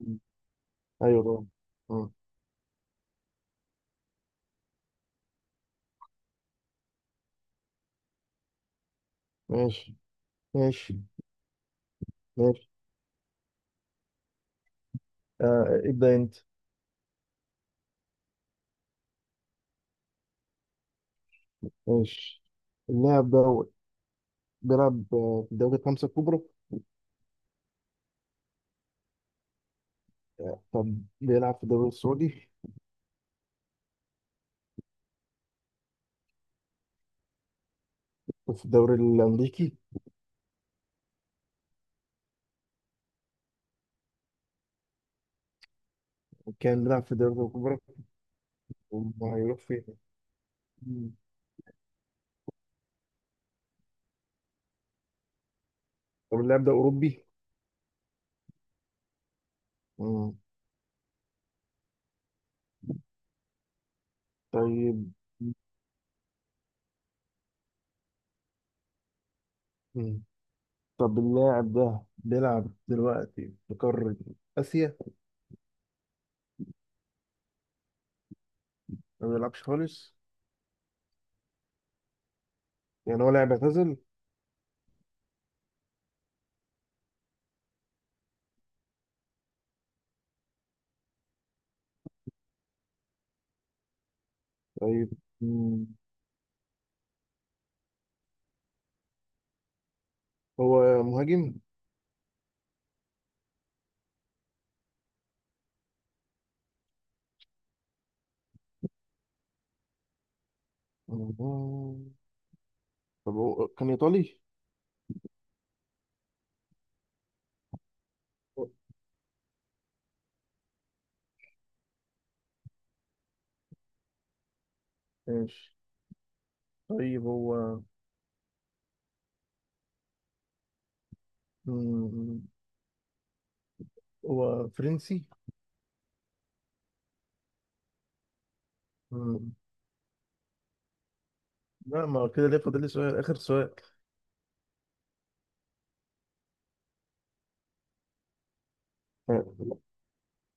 مم. ايوه، طبعا. مم. ماشي. ماشي. ماشي. آه، ابدا انت. ماشي. اللاعب ده بيلعب في الدوري الخمسة الكبرى. طب بيلعب في الدوري السعودي، وفي الدوري الأمريكي، وكان بيلعب في الدوري الكبرى. وهيروح فين؟ مم. طب اللاعب ده أوروبي؟ مم. طيب. مم. طب اللاعب ده بيلعب دلوقتي في قارة آسيا. ما بيلعبش خالص. يعني هو لاعب اعتزل. طيب. مم. هو مهاجم؟ آه. طب هو كان إيطالي؟ ماشي. طيب مم، هو فرنسي. مم. لا، ما هو كده ليه فاضل لي سؤال، آخر سؤال. آه.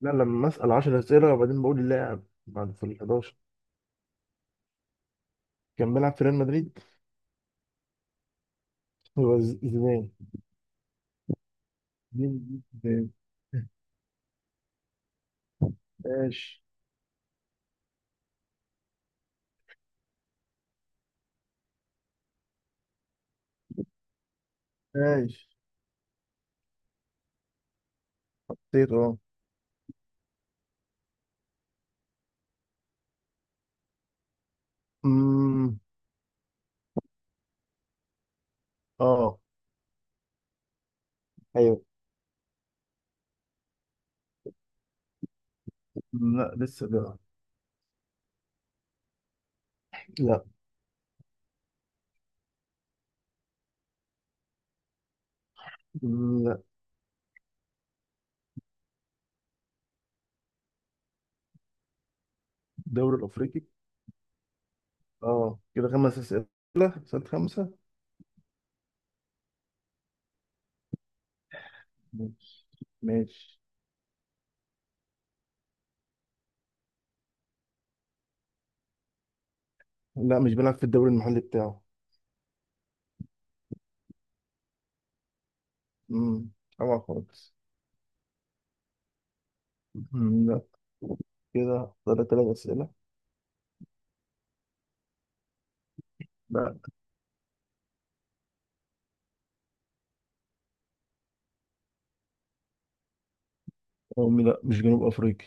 لا، لما أسأل 10 أسئلة وبعدين بقول اللاعب بعد في ال 11. كان بيلعب في ريال مدريد. هو زيدان. مين- مين- مين؟ ماشي. ماشي. نسيت، اه. أمم، اه، أيوه. لا، لسه ده. لا. مم، لا. الدوري الأفريقي. اه، كده خمس أسئلة. سؤال خمسة. ماشي. ماشي. لا مش بيلعب في الدوري المحلي بتاعه. امم. اوعى خالص. مم، لا. كده ثلاث اسئله. لا. أمي، لا، مش جنوب افريقي.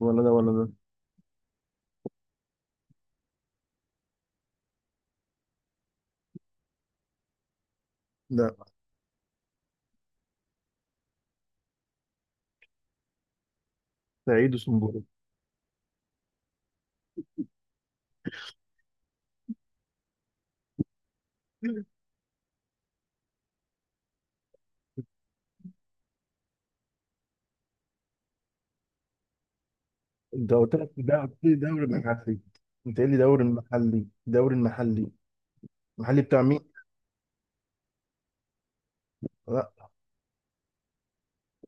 ولا ده ولا ده. لا. سعيد وسنبل. انت قلت لك ده، قلت لي دوري محلي. انت قايل لي دوري المحلي، دوري المحلي. المحلي بتاع مين؟ لا.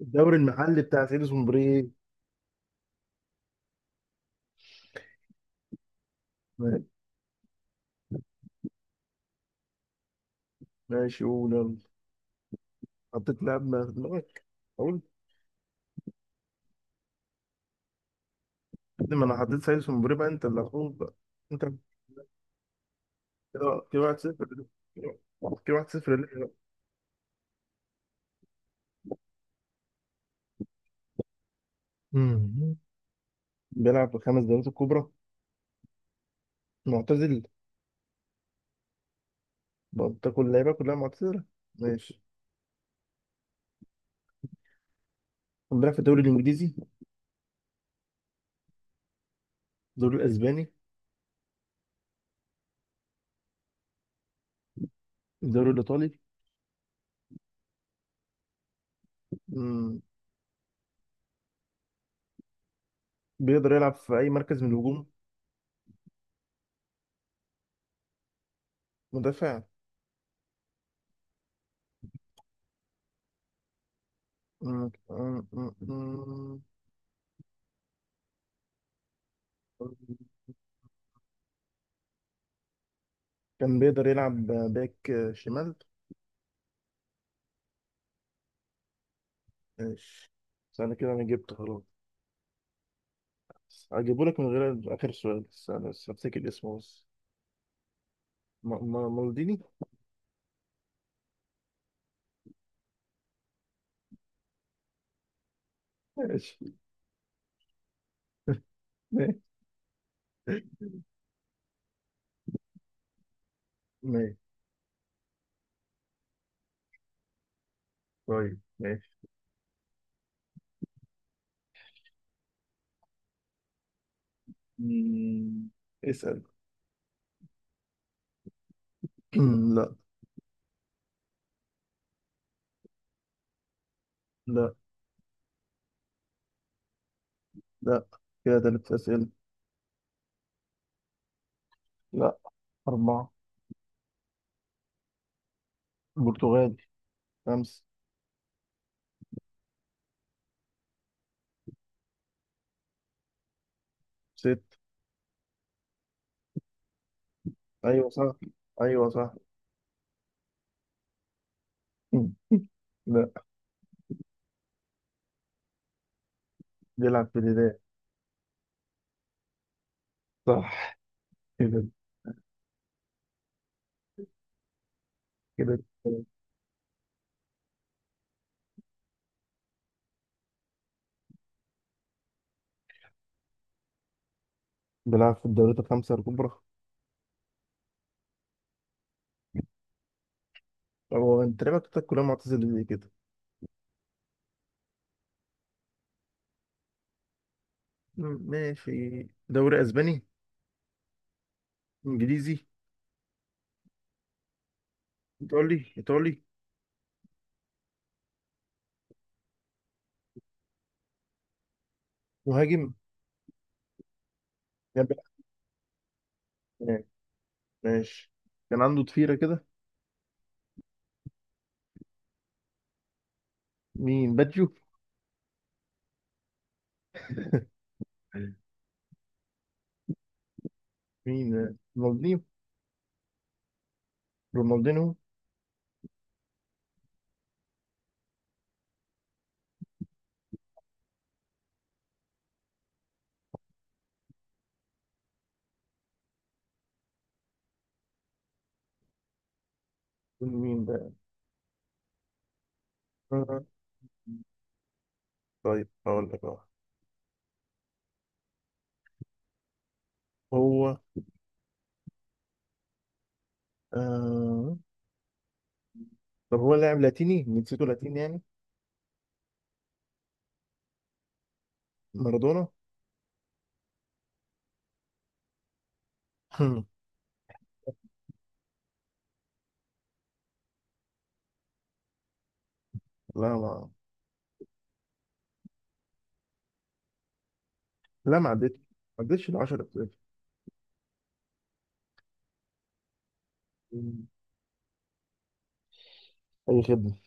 الدوري المحلي بتاع سعيد سومبري. ماشي، قول يلا. حطيت لاعب ما في دماغك، اقول. كده ما انا حطيت سعيد سومبري، بقى انت اللي هتقول بقى. انت كده واحد صفر ليه؟ كده واحد صفر ليه؟ مم. بيلعب في خمس دوريات الكبرى. معتزل. بقى كل اللعيبه كلها معتزله. ماشي. بيلعب في الدوري الانجليزي. الدوري الاسباني. الدوري الايطالي. مم. بيقدر يلعب في اي مركز من الهجوم. مدافع. مم. مم. مم. مم. كان بيقدر يلعب باك شمال. ماشي. بس انا كده انا جبت خلاص. هجيبه لك من غير اخر سؤال، بس انا بس هفتكر اسمه بس. مالديني. ماشي. ماشي. ماشي. طيب، ماشي. مم. اسأل. أمم، لا. لا، لا، كده تلات أسئلة. لا. أربعة. برتغالي. خمسة. ست. أيوة، صح. أيوة، صح. أمم، لا. بيلعب في الهلال. صح. كده. كده بيلعب في الدوريات الخمسة الكبرى. هو أنت لعبك بتاعتك كلها معتزل زي كده. ماشي. دوري أسباني؟ إنجليزي؟ إيطالي، إيطالي. مهاجم. كان بيلعب هناك. ماشي. كان عنده ضفيرة كده. مين، باتجو؟ مين، رونالدينيو؟ رونالدينيو؟ مين؟ بقى، طيب هقول لك اهو. هو آه... طب هو لاعب لاتيني، جنسيته لاتيني يعني. مارادونا. لا، ما لا، ما عدتش. ما عدتش ال 10. اي خدمه.